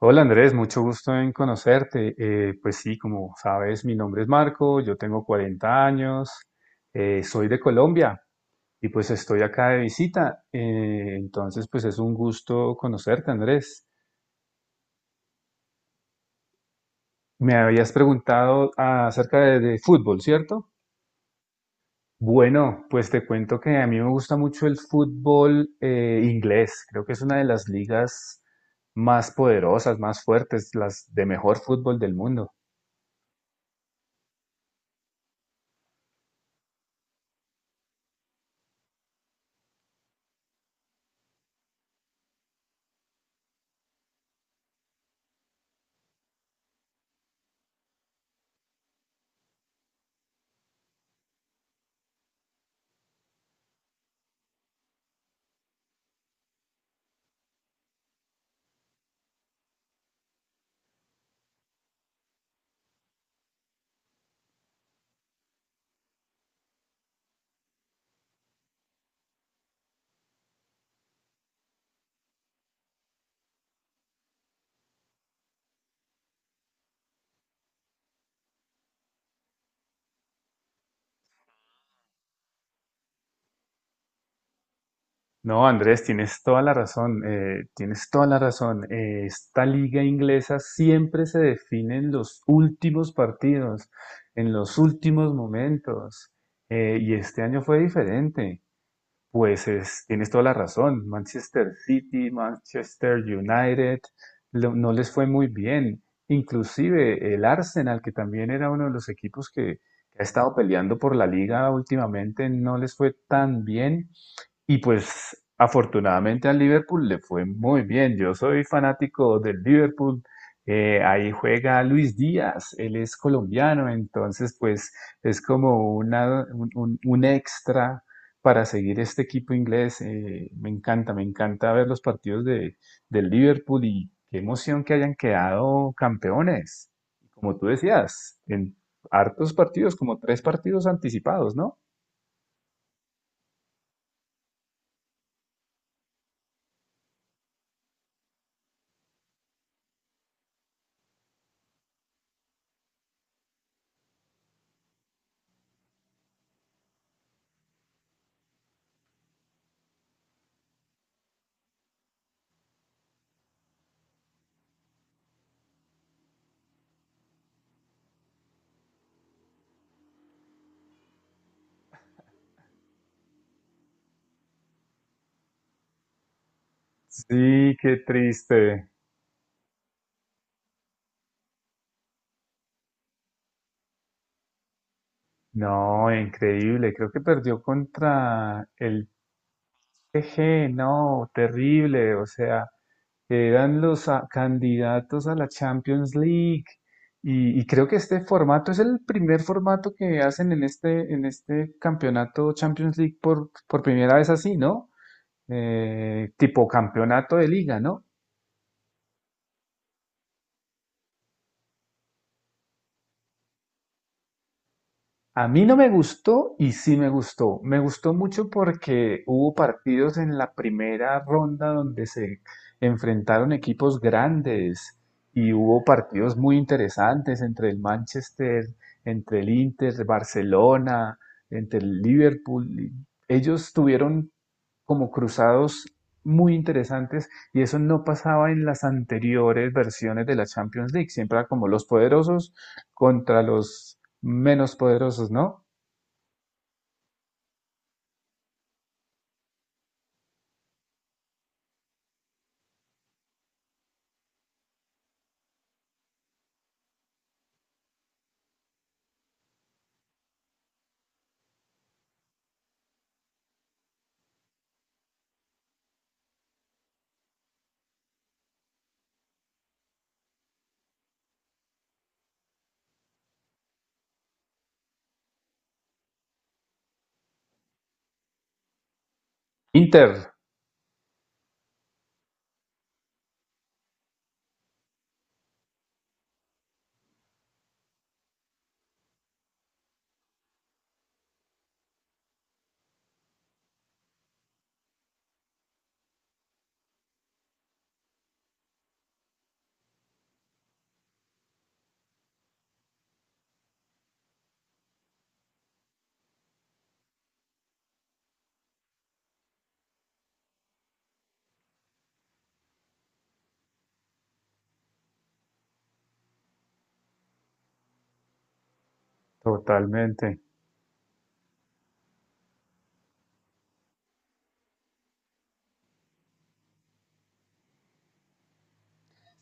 Hola Andrés, mucho gusto en conocerte. Pues sí, como sabes, mi nombre es Marco, yo tengo 40 años, soy de Colombia y pues estoy acá de visita. Entonces, pues es un gusto conocerte, Andrés. Me habías preguntado acerca de fútbol, ¿cierto? Bueno, pues te cuento que a mí me gusta mucho el fútbol inglés. Creo que es una de las ligas más poderosas, más fuertes, las de mejor fútbol del mundo. No, Andrés, tienes toda la razón, tienes toda la razón. Esta liga inglesa siempre se define en los últimos partidos, en los últimos momentos. Y este año fue diferente. Pues tienes toda la razón. Manchester City, Manchester United, no les fue muy bien. Inclusive el Arsenal, que también era uno de los equipos que ha estado peleando por la liga últimamente, no les fue tan bien y pues afortunadamente al Liverpool le fue muy bien. Yo soy fanático del Liverpool. Ahí juega Luis Díaz, él es colombiano, entonces pues es como un extra para seguir este equipo inglés. Me encanta ver los partidos del Liverpool y qué emoción que hayan quedado campeones. Como tú decías, en hartos partidos, como tres partidos anticipados, ¿no? Sí, qué triste. No, increíble. Creo que perdió contra el P G. No, terrible. O sea, eran los candidatos a la Champions League. Y creo que este formato es el primer formato que hacen en este campeonato Champions League por primera vez así, ¿no? Tipo campeonato de liga, ¿no? A mí no me gustó y sí me gustó. Me gustó mucho porque hubo partidos en la primera ronda donde se enfrentaron equipos grandes y hubo partidos muy interesantes entre el Manchester, entre el Inter, Barcelona, entre el Liverpool. Ellos tuvieron como cruzados muy interesantes y eso no pasaba en las anteriores versiones de la Champions League. Siempre era como los poderosos contra los menos poderosos, ¿no? Inter, totalmente.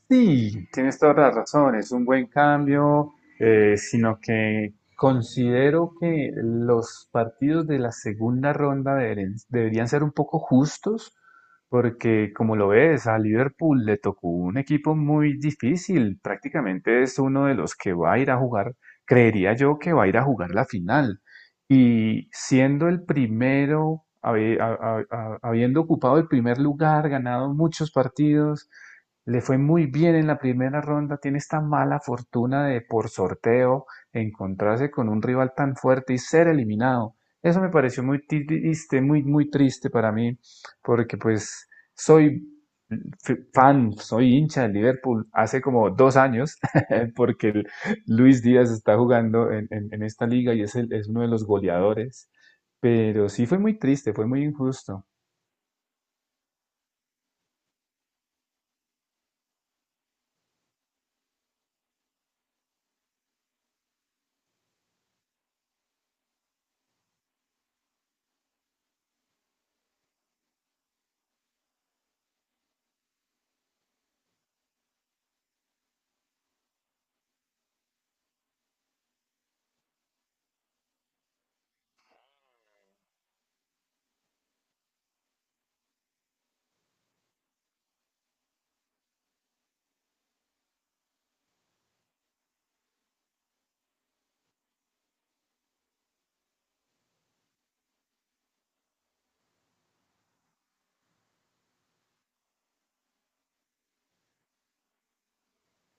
Sí, tienes toda la razón, es un buen cambio, sino que considero que los partidos de la segunda ronda deberían ser un poco justos, porque como lo ves, a Liverpool le tocó un equipo muy difícil, prácticamente es uno de los que va a ir a jugar, creería yo que va a ir a jugar la final, y siendo el primero, habiendo ocupado el primer lugar, ganado muchos partidos, le fue muy bien en la primera ronda, tiene esta mala fortuna de por sorteo encontrarse con un rival tan fuerte y ser eliminado. Eso me pareció muy triste, muy, muy triste para mí, porque pues soy fan, soy hincha del Liverpool hace como dos años, porque el Luis Díaz está jugando en, en esta liga y es, es uno de los goleadores, pero sí fue muy triste, fue muy injusto.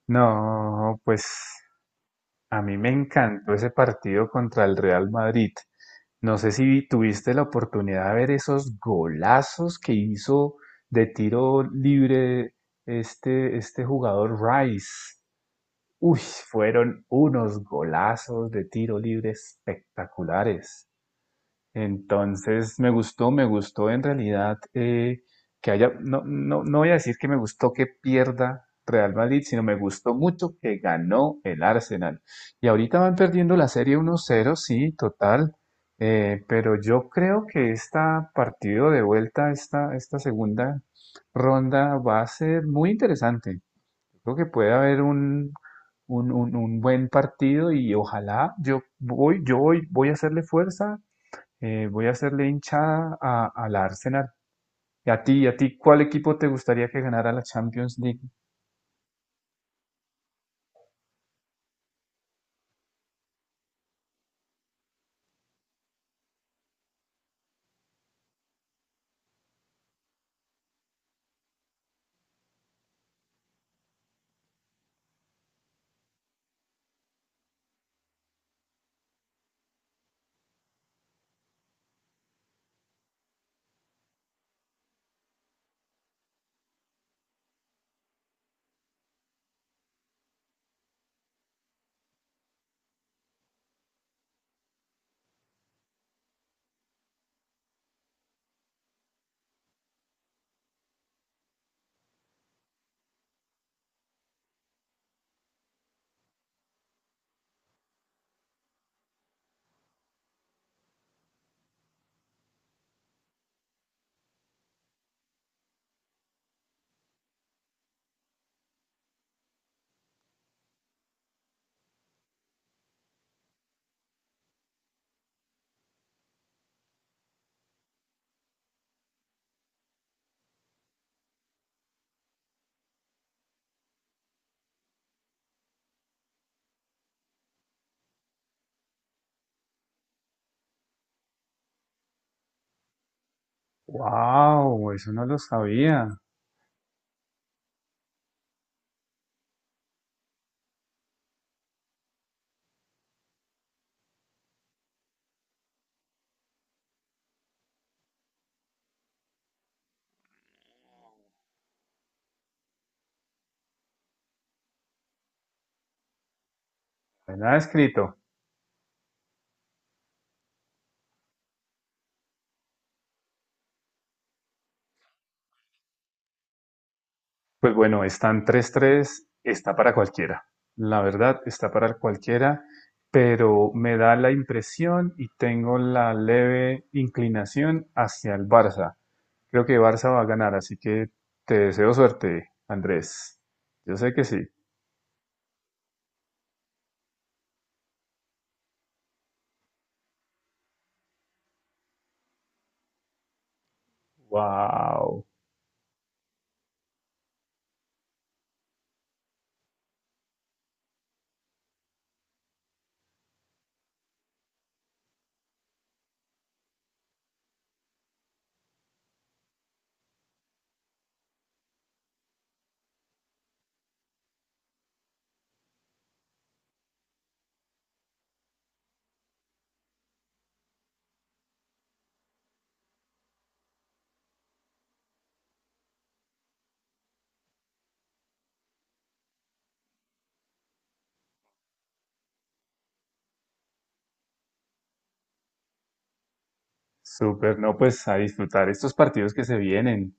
No, pues a mí me encantó ese partido contra el Real Madrid. No sé si tuviste la oportunidad de ver esos golazos que hizo de tiro libre este jugador Rice. Uy, fueron unos golazos de tiro libre espectaculares. Entonces me gustó en realidad que haya, no, no, no voy a decir que me gustó que pierda Real Madrid, sino me gustó mucho que ganó el Arsenal. Y ahorita van perdiendo la serie uno cero, sí, total, pero yo creo que esta partido de vuelta, esta segunda ronda va a ser muy interesante. Creo que puede haber un buen partido y ojalá voy a hacerle fuerza voy a hacerle hinchada a, al Arsenal. Y a ti, cuál equipo te gustaría que ganara la Champions League? ¡Wow! Eso no lo sabía. Nada escrito. Pues bueno, están tres tres está para cualquiera. La verdad, está para cualquiera, pero me da la impresión y tengo la leve inclinación hacia el Barça. Creo que Barça va a ganar, así que te deseo suerte, Andrés. Yo sé que sí. ¡Wow! Súper, no, pues a disfrutar estos partidos que se vienen.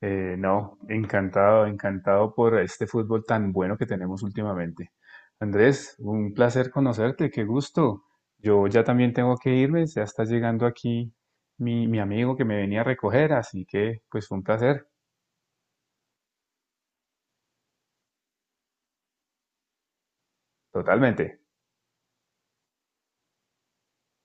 No, encantado, encantado por este fútbol tan bueno que tenemos últimamente. Andrés, un placer conocerte, qué gusto. Yo ya también tengo que irme, ya está llegando aquí mi amigo que me venía a recoger, así que pues fue un placer, totalmente.